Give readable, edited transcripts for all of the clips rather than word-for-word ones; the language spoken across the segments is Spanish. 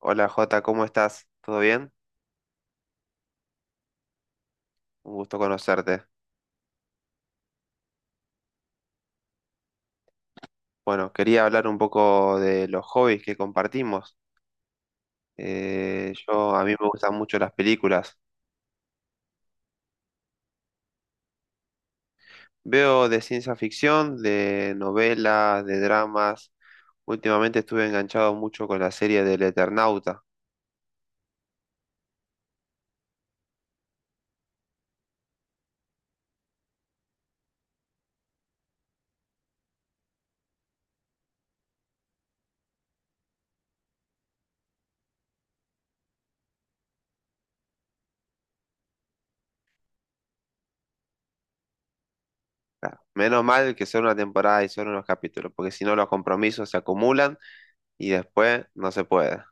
Hola Jota, ¿cómo estás? ¿Todo bien? Un gusto conocerte. Bueno, quería hablar un poco de los hobbies que compartimos. A mí me gustan mucho las películas. Veo de ciencia ficción, de novelas, de dramas. Últimamente estuve enganchado mucho con la serie del Eternauta. Claro, menos mal que son una temporada y son unos capítulos, porque si no los compromisos se acumulan y después no se puede.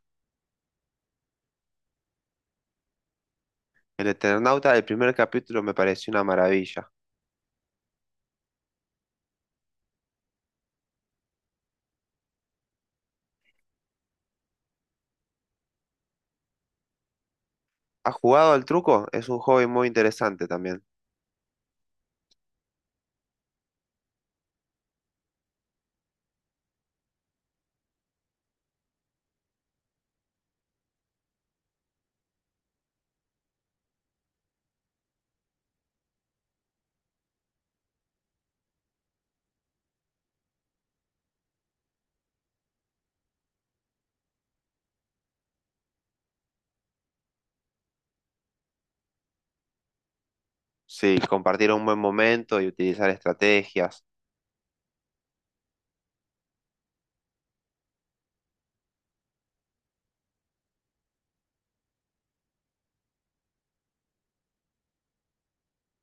El Eternauta, el primer capítulo me pareció una maravilla. ¿Has jugado al truco? Es un hobby muy interesante también. Sí, compartir un buen momento y utilizar estrategias.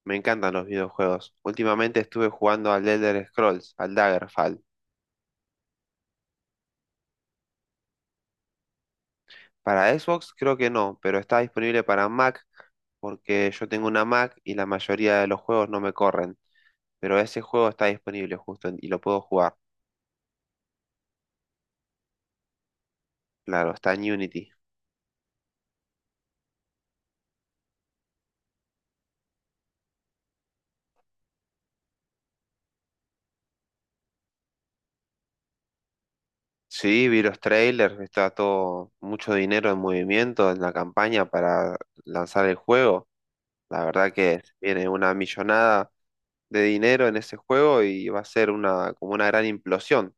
Me encantan los videojuegos. Últimamente estuve jugando al Elder Scrolls, al Daggerfall. Para Xbox creo que no, pero está disponible para Mac porque yo tengo una Mac y la mayoría de los juegos no me corren. Pero ese juego está disponible justo y lo puedo jugar. Claro, está en Unity. Sí, vi los trailers, está todo mucho dinero en movimiento en la campaña para lanzar el juego. La verdad que viene una millonada de dinero en ese juego y va a ser como una gran implosión.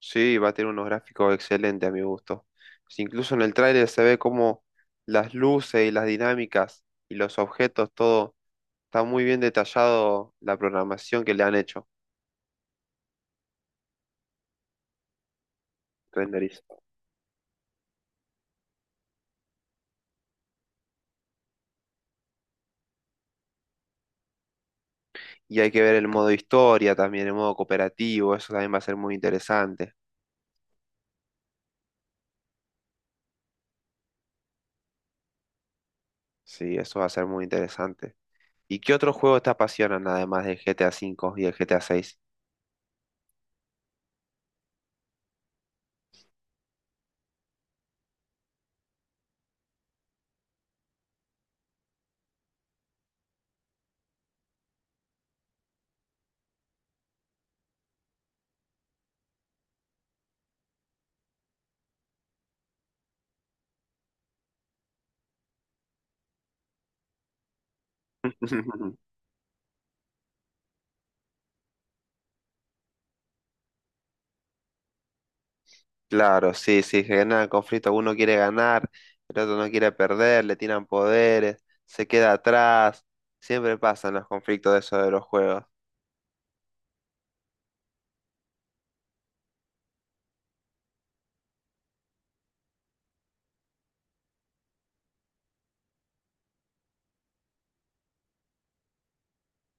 Sí, va a tener unos gráficos excelentes a mi gusto. Si incluso en el tráiler se ve como las luces y las dinámicas y los objetos, todo está muy bien detallado la programación que le han hecho. Renderis. Y hay que ver el modo historia también, el modo cooperativo, eso también va a ser muy interesante. Sí, eso va a ser muy interesante. ¿Y qué otros juegos te apasionan además del GTA 5 y el GTA seis? Claro, sí, sí, genera el conflicto. Uno quiere ganar, el otro no quiere perder, le tiran poderes, se queda atrás. Siempre pasan los conflictos de eso de los juegos.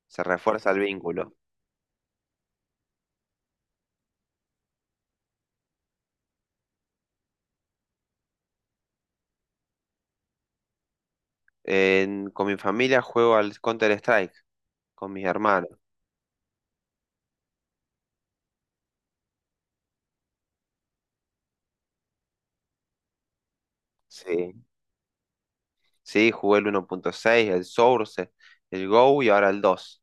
Se refuerza el vínculo. Con mi familia juego al Counter-Strike, con mis hermanos. Sí, sí, jugué el 1.6, el Source, el Go y ahora el 2.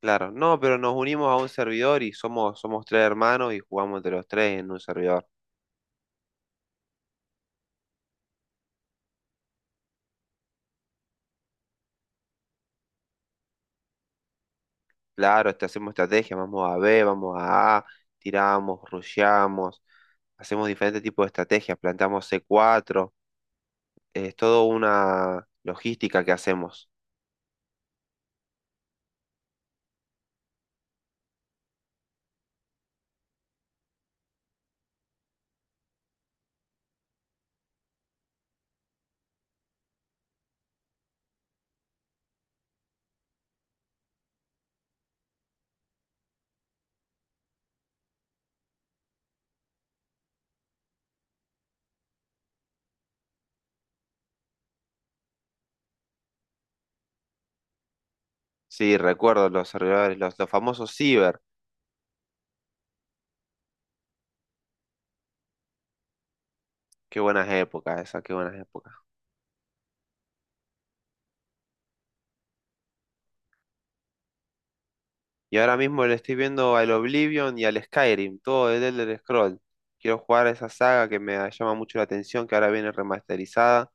Claro, no, pero nos unimos a un servidor y somos tres hermanos y jugamos entre los tres en un servidor. Claro, hacemos estrategias, vamos a B, vamos a A, tiramos, rusheamos, hacemos diferentes tipos de estrategias, plantamos C4, es toda una logística que hacemos. Sí, recuerdo los servidores, los famosos ciber. Qué buenas épocas esas, qué buenas épocas. Y ahora mismo le estoy viendo al Oblivion y al Skyrim, todo el Elder Scroll. Quiero jugar a esa saga que me llama mucho la atención, que ahora viene remasterizada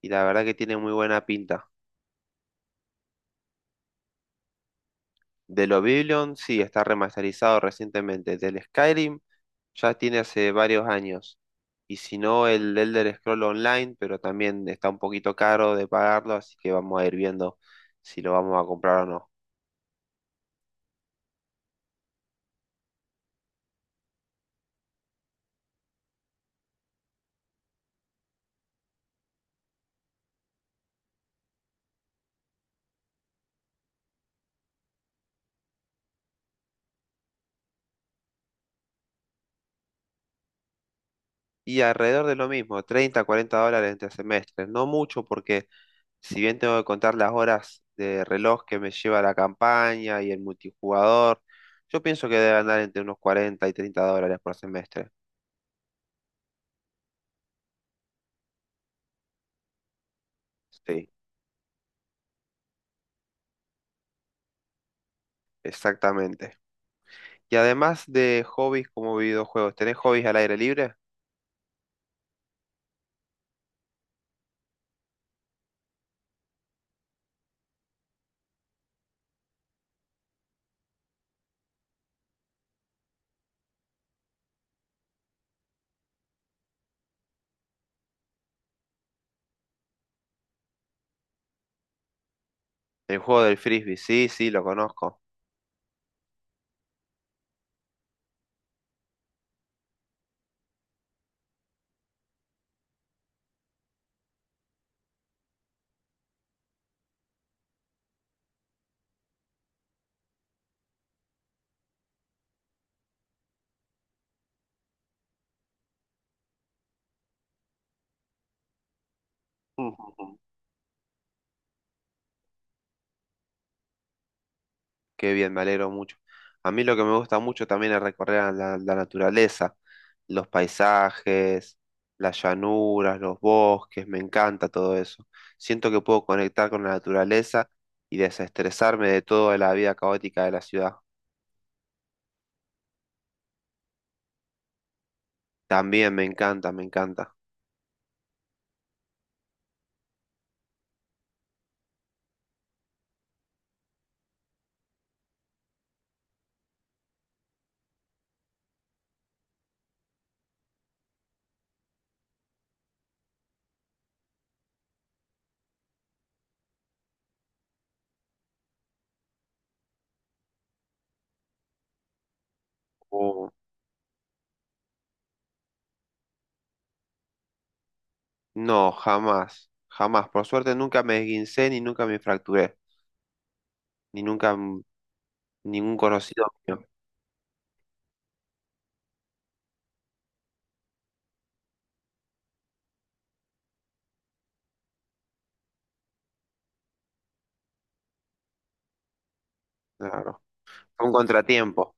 y la verdad que tiene muy buena pinta. Del Oblivion, sí, está remasterizado recientemente. Del Skyrim, ya tiene hace varios años. Y si no, el Elder Scroll Online, pero también está un poquito caro de pagarlo, así que vamos a ir viendo si lo vamos a comprar o no. Y alrededor de lo mismo, 30, $40 entre semestres. No mucho porque si bien tengo que contar las horas de reloj que me lleva la campaña y el multijugador, yo pienso que debe andar entre unos 40 y $30 por semestre. Sí, exactamente. Y además de hobbies como videojuegos, ¿tenés hobbies al aire libre? El juego del frisbee, sí, sí, lo conozco. Qué bien, me alegro mucho. A mí lo que me gusta mucho también es recorrer la naturaleza, los paisajes, las llanuras, los bosques, me encanta todo eso. Siento que puedo conectar con la naturaleza y desestresarme de toda la vida caótica de la ciudad. También me encanta, me encanta. Oh, no, jamás, jamás. Por suerte nunca me esguincé ni nunca me fracturé. Ni nunca ningún conocido mío. Claro. Fue un contratiempo.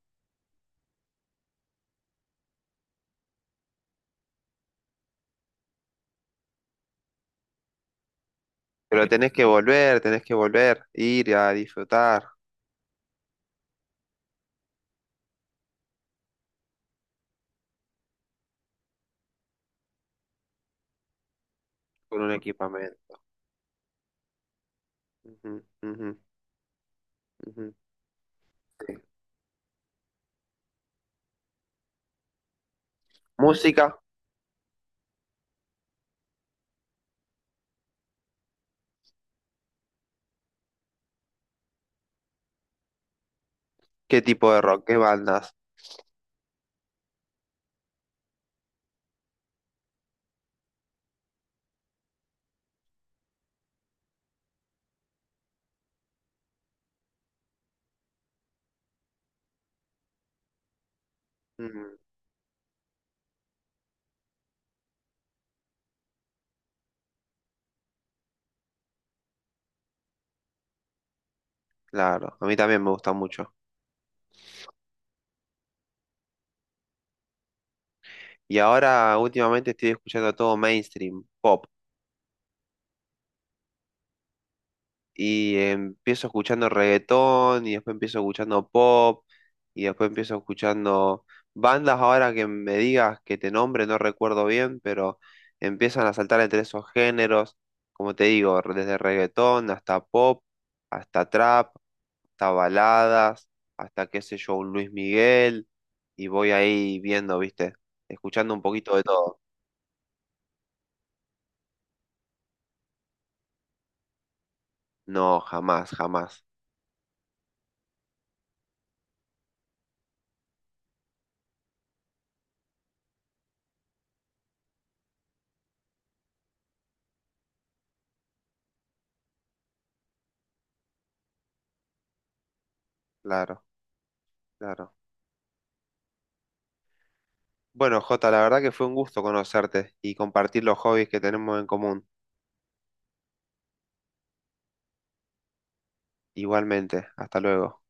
Pero tenés que volver, ir a disfrutar con un equipamiento. Ujú, ujú, ujú. Sí. Música, ¿qué tipo de rock? ¿Qué bandas? Mm, claro, a mí también me gusta mucho. Y ahora últimamente estoy escuchando todo mainstream, pop. Y empiezo escuchando reggaetón y después empiezo escuchando pop y después empiezo escuchando bandas ahora que me digas que te nombre, no recuerdo bien, pero empiezan a saltar entre esos géneros, como te digo, desde reggaetón hasta pop, hasta trap, hasta baladas, hasta qué sé yo, un Luis Miguel y voy ahí viendo, ¿viste? Escuchando un poquito de todo. No, jamás, jamás. Claro, claro. Bueno, Jota, la verdad que fue un gusto conocerte y compartir los hobbies que tenemos en común. Igualmente, hasta luego.